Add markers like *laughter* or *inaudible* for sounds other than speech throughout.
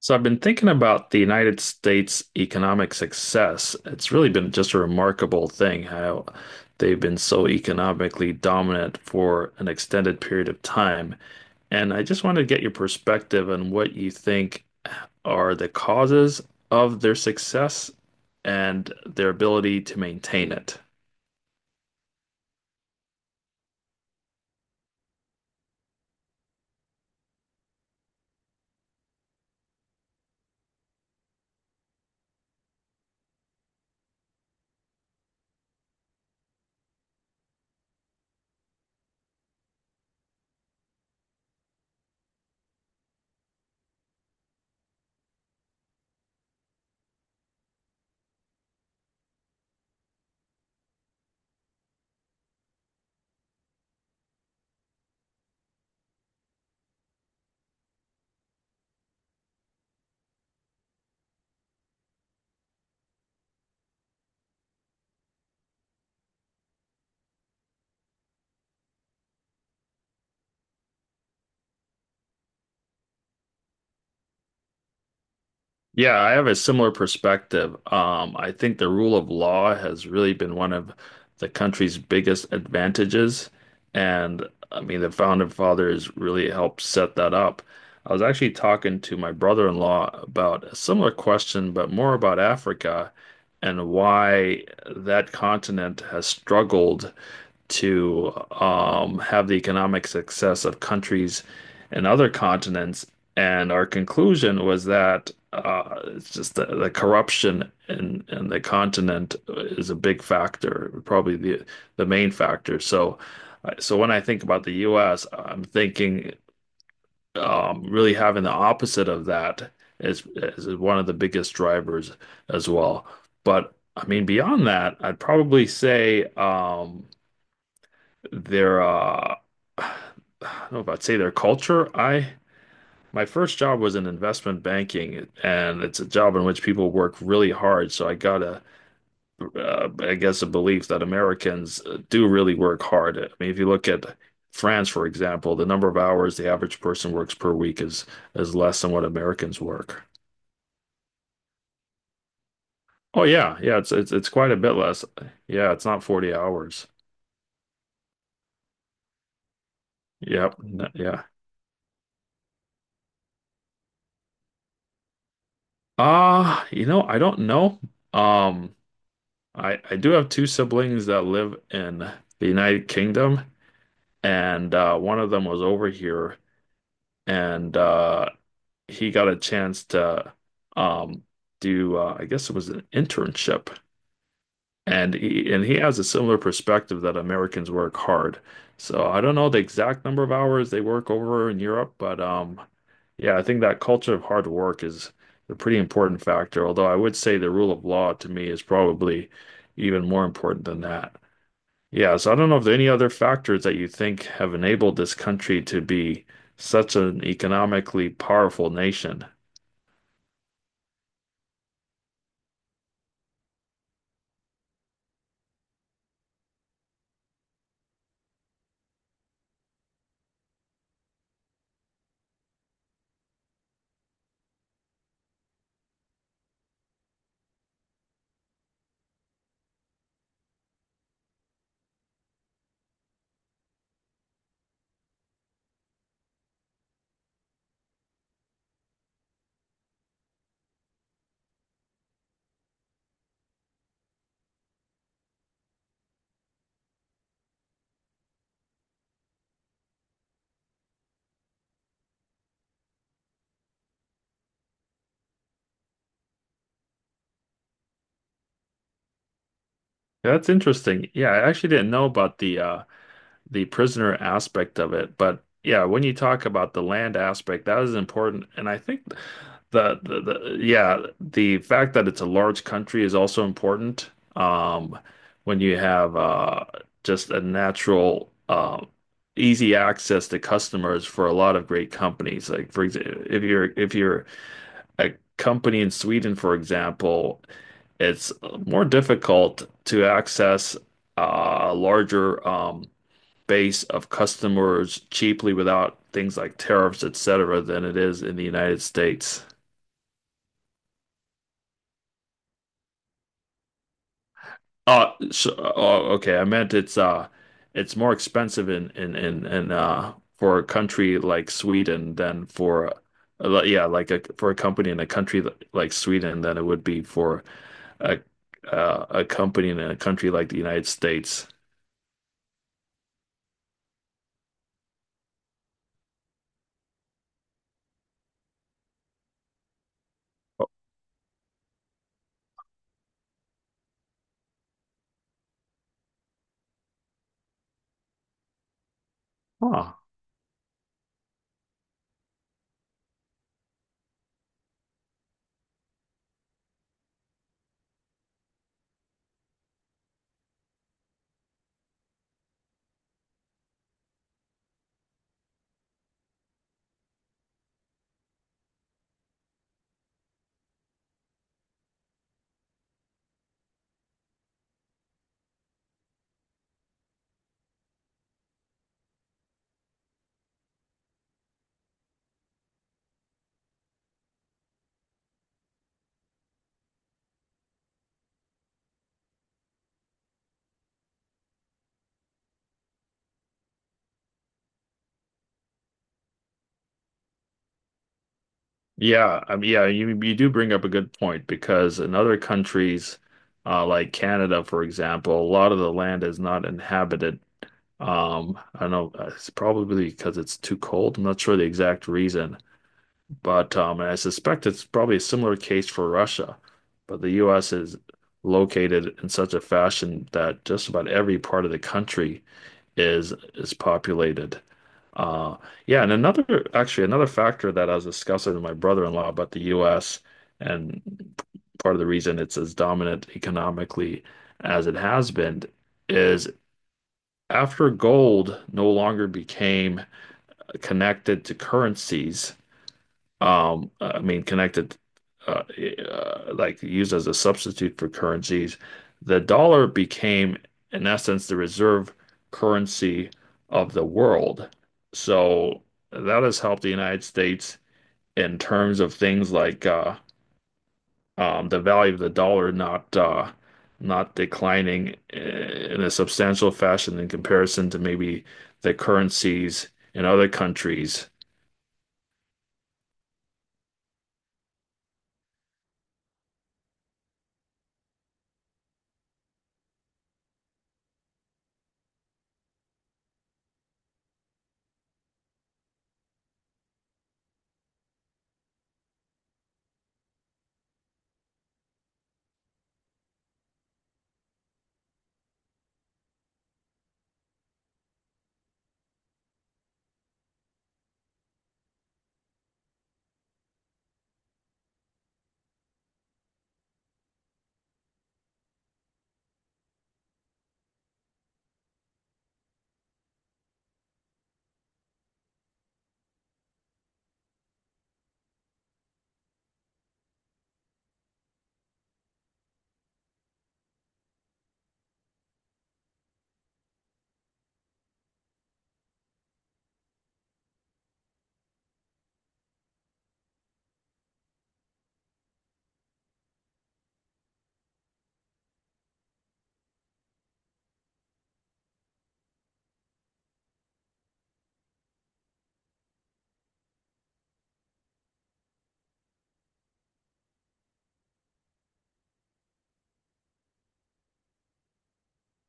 So I've been thinking about the United States economic success. It's really been just a remarkable thing how they've been so economically dominant for an extended period of time. And I just want to get your perspective on what you think are the causes of their success and their ability to maintain it. Yeah, I have a similar perspective. I think the rule of law has really been one of the country's biggest advantages. And I mean, the founding fathers really helped set that up. I was actually talking to my brother-in-law about a similar question, but more about Africa and why that continent has struggled to have the economic success of countries and other continents. And our conclusion was that it's just the corruption in the continent is a big factor, probably the main factor. So, so when I think about the U.S., I'm thinking really having the opposite of that is one of the biggest drivers as well. But I mean, beyond that, I'd probably say their *sighs* I don't know if I'd say their culture. I My first job was in investment banking, and it's a job in which people work really hard. So I got I guess, a belief that Americans do really work hard. I mean, if you look at France, for example, the number of hours the average person works per week is less than what Americans work. Oh yeah, yeah, it's quite a bit less. Yeah, it's not 40 hours. Yep. Yeah. You know, I don't know. Um, I do have two siblings that live in the United Kingdom, and one of them was over here, and he got a chance to um, do I guess it was an internship, and he has a similar perspective that Americans work hard. So I don't know the exact number of hours they work over in Europe, but yeah, I think that culture of hard work is a pretty important factor. Although I would say the rule of law to me is probably even more important than that. Yeah, so I don't know if there are any other factors that you think have enabled this country to be such an economically powerful nation. Yeah, that's interesting. Yeah, I actually didn't know about the prisoner aspect of it. But yeah, when you talk about the land aspect, that is important. And I think the fact that it's a large country is also important. Um, when you have just a natural easy access to customers for a lot of great companies. Like for example, if you're a company in Sweden, for example, it's more difficult to access larger base of customers cheaply without things like tariffs, et cetera, than it is in the United States. Oh, okay. I meant it's more expensive in for a country like Sweden than for yeah, like for a company in a country like Sweden than it would be for a a company in a country like the United States. Huh. Yeah, I mean, yeah, you do bring up a good point because in other countries, like Canada, for example, a lot of the land is not inhabited. I don't know, it's probably because it's too cold. I'm not sure the exact reason, but and I suspect it's probably a similar case for Russia. But the U.S. is located in such a fashion that just about every part of the country is populated. Uh, yeah, and another factor that I was discussing with my brother-in-law about the US and part of the reason it's as dominant economically as it has been is after gold no longer became connected to currencies I mean, uh, like used as a substitute for currencies. The dollar became, in essence, the reserve currency of the world. So that has helped the United States in terms of things like the value of the dollar not declining in a substantial fashion in comparison to maybe the currencies in other countries.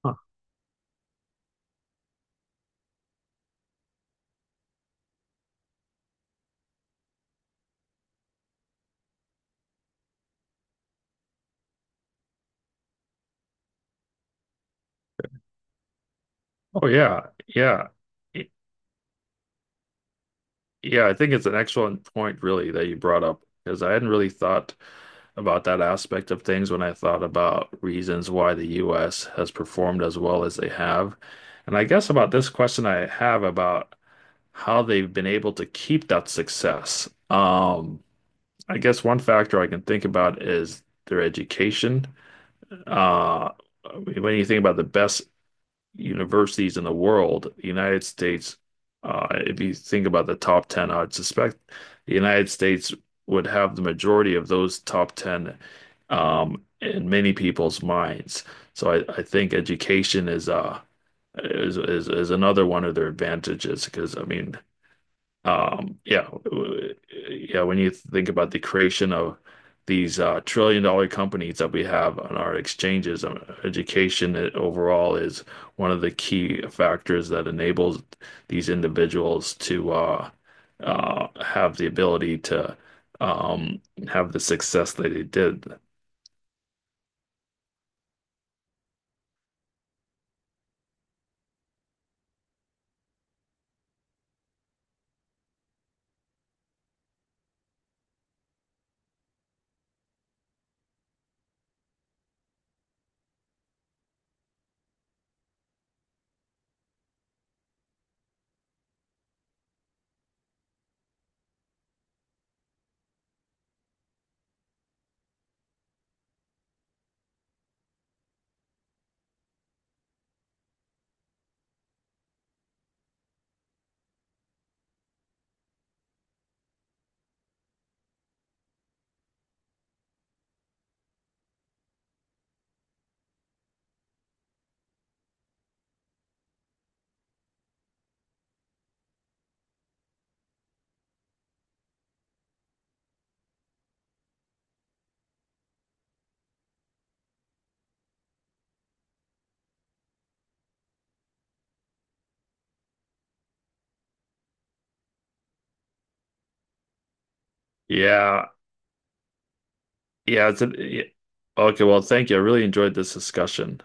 Huh. Oh yeah, yeah. Yeah, I think it's an excellent point, really, that you brought up because I hadn't really thought about that aspect of things when I thought about reasons why the US has performed as well as they have. And I guess about this question I have about how they've been able to keep that success. I guess one factor I can think about is their education. Uh, when you think about the best universities in the world, the United States, if you think about the top 10, I'd suspect the United States would have the majority of those top 10 in many people's minds. So I think education is another one of their advantages because I mean um, yeah, w- yeah. When you think about the creation of these trillion-dollar companies that we have on our exchanges, education overall is one of the key factors that enables these individuals to have the ability to um, have the success that they did. Yeah, yeah. It's a, yeah. Okay, well, thank you. I really enjoyed this discussion.